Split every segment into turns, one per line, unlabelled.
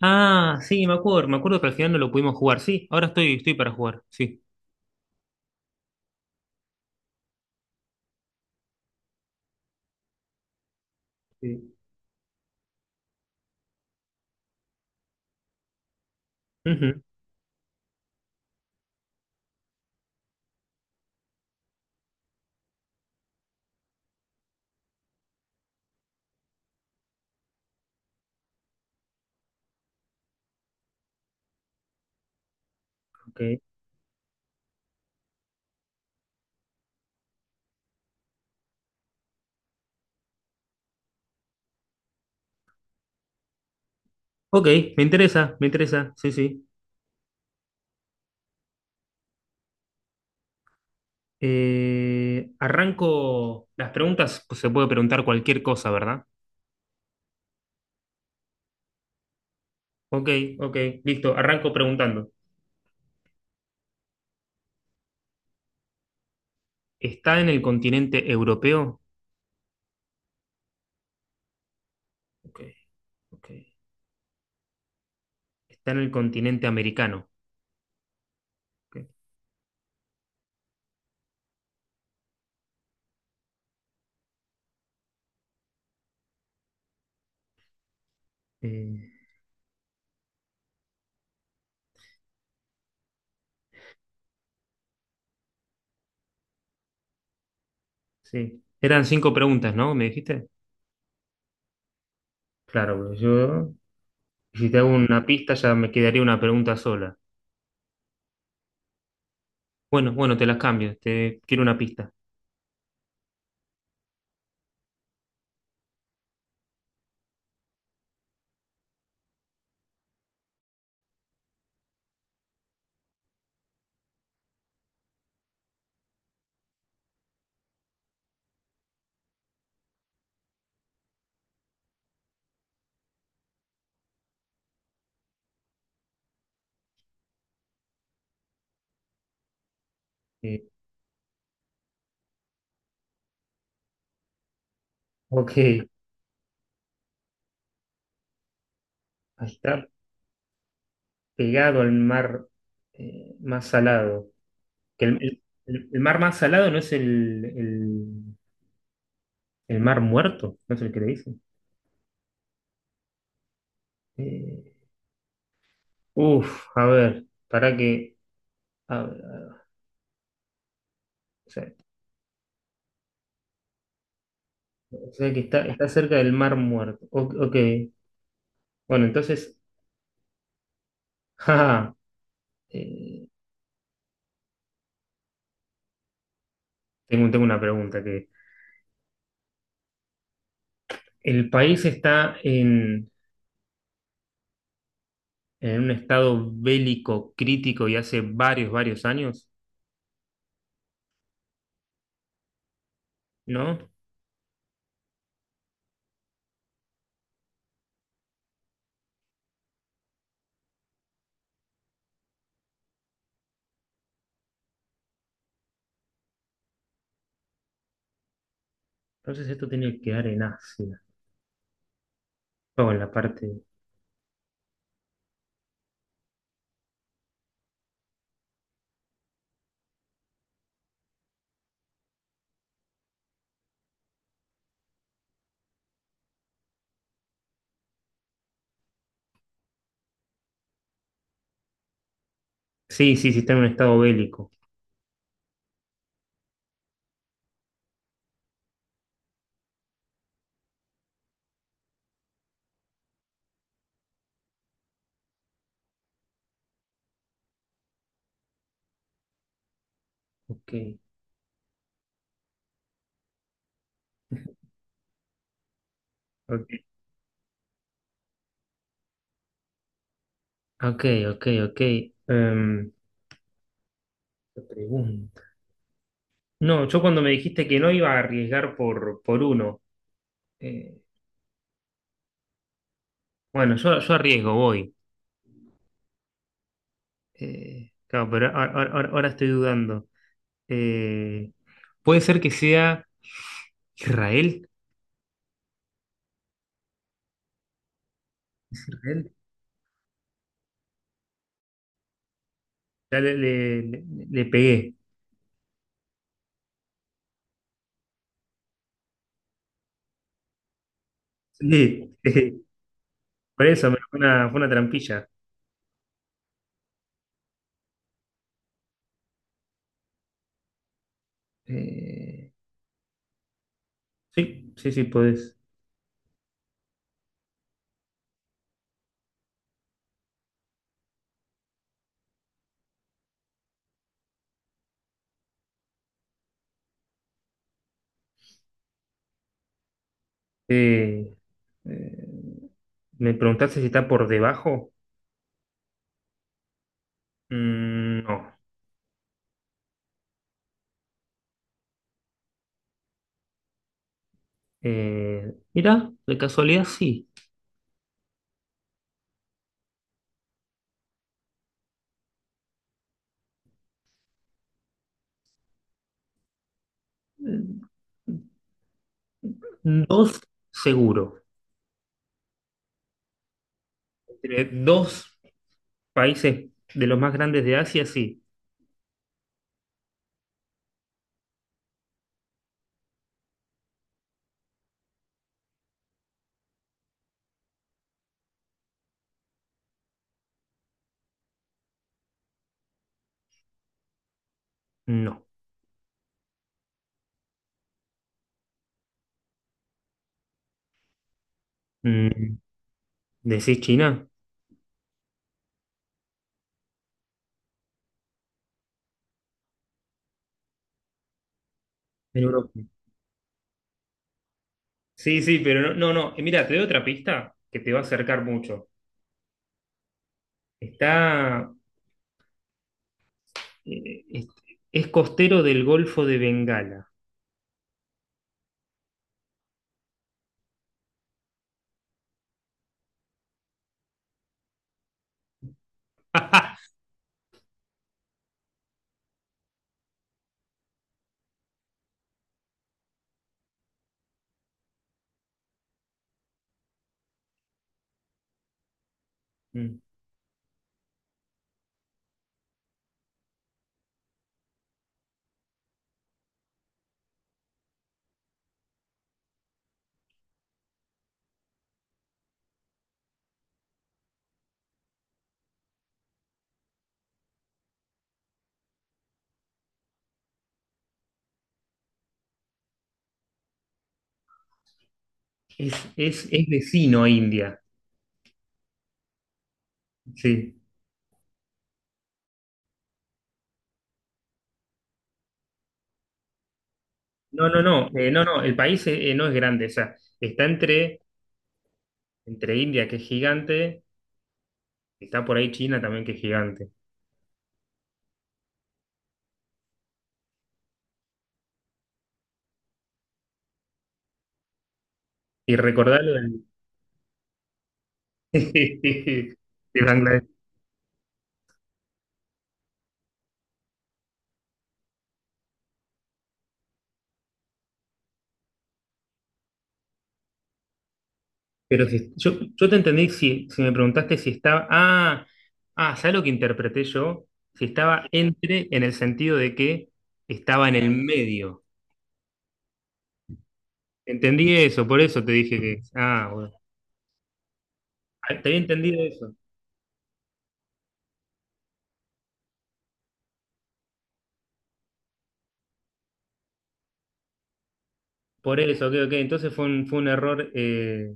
Ah, sí, me acuerdo, pero al final no lo pudimos jugar. Sí, ahora estoy para jugar, sí. Sí. Ujú, ok. Ok, me interesa, sí, sí. Arranco las preguntas, pues se puede preguntar cualquier cosa, ¿verdad? Ok, ok, listo, arranco preguntando. ¿Está en el continente europeo? Ok, ok. ¿Está en el continente americano? Ok, eh, sí. Eran cinco preguntas, ¿no? ¿Me dijiste? Claro, pues yo, si te hago una pista ya me quedaría una pregunta sola. Bueno, bueno, te las cambio. Te quiero una pista. Eh, ok, a estar pegado al mar más salado. Que mar más salado no es el mar muerto, no es el que le dicen. Eh, Uf, a ver, para que. A ver, a ver, o sea, o sea que está, está cerca del mar muerto. O- ok, bueno, entonces. Jaja, eh, tengo, tengo una pregunta que. El país está en un estado bélico crítico y hace varios, varios años, ¿no? Entonces esto tiene que quedar en Asia, o en la parte... Sí, sí, sí, está en un estado bélico. Ok, ok, ok, ok, ok. Em, Te pregunto. No, yo cuando me dijiste que no iba a arriesgar por uno, eh, bueno, yo arriesgo, voy. Claro, pero ahora, ahora estoy dudando. Eh, Puede ser que sea Israel. ¿Es Israel? Ya le pegué. Sí, sí. Por eso me- fue una trampilla. Eh, sí, sí, sí, podés. Eh, eh, ¿Me preguntaste si está por debajo? Mm, no. Mira, de casualidad sí. Eh, Dos, seguro. Entre dos países de los más grandes de Asia, sí. No. Mm, ¿decís China? En Europa. Sí, sí, pero no, no, no. Mira, te doy otra pista que te va a acercar mucho. Está, eh, es, es costero del Golfo de Bengala. Es vecino a India. Sí. No, no, no. No, no. El país no es grande. O sea, está entre, entre India, que es gigante, está por ahí China también, que es gigante. Y recordá lo del- de Bangladesh. Pero si- yo te entendí si, si me preguntaste si estaba. Ah, ah, ¿sabes lo que interpreté yo? Si estaba entre, en el sentido de que estaba en el medio. Entendí eso, por eso te dije que. Ah, bueno. Ah, te había entendido eso. Por eso, ok, ok. Entonces fue un error,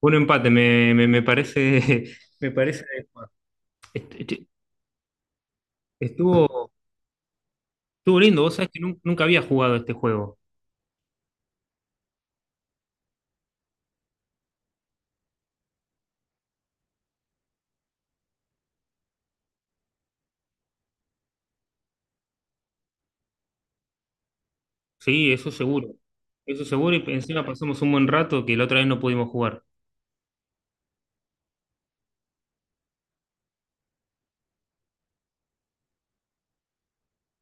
fue un empate, me, me parece. Me parece adecuado. Est- est- Estuvo, estuvo lindo, vos sabés que nun- nunca había jugado este juego. Sí, eso seguro. Eso seguro, y encima pasamos un buen rato que la otra vez no pudimos jugar.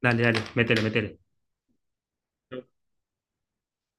Dale, dale, métele, métele.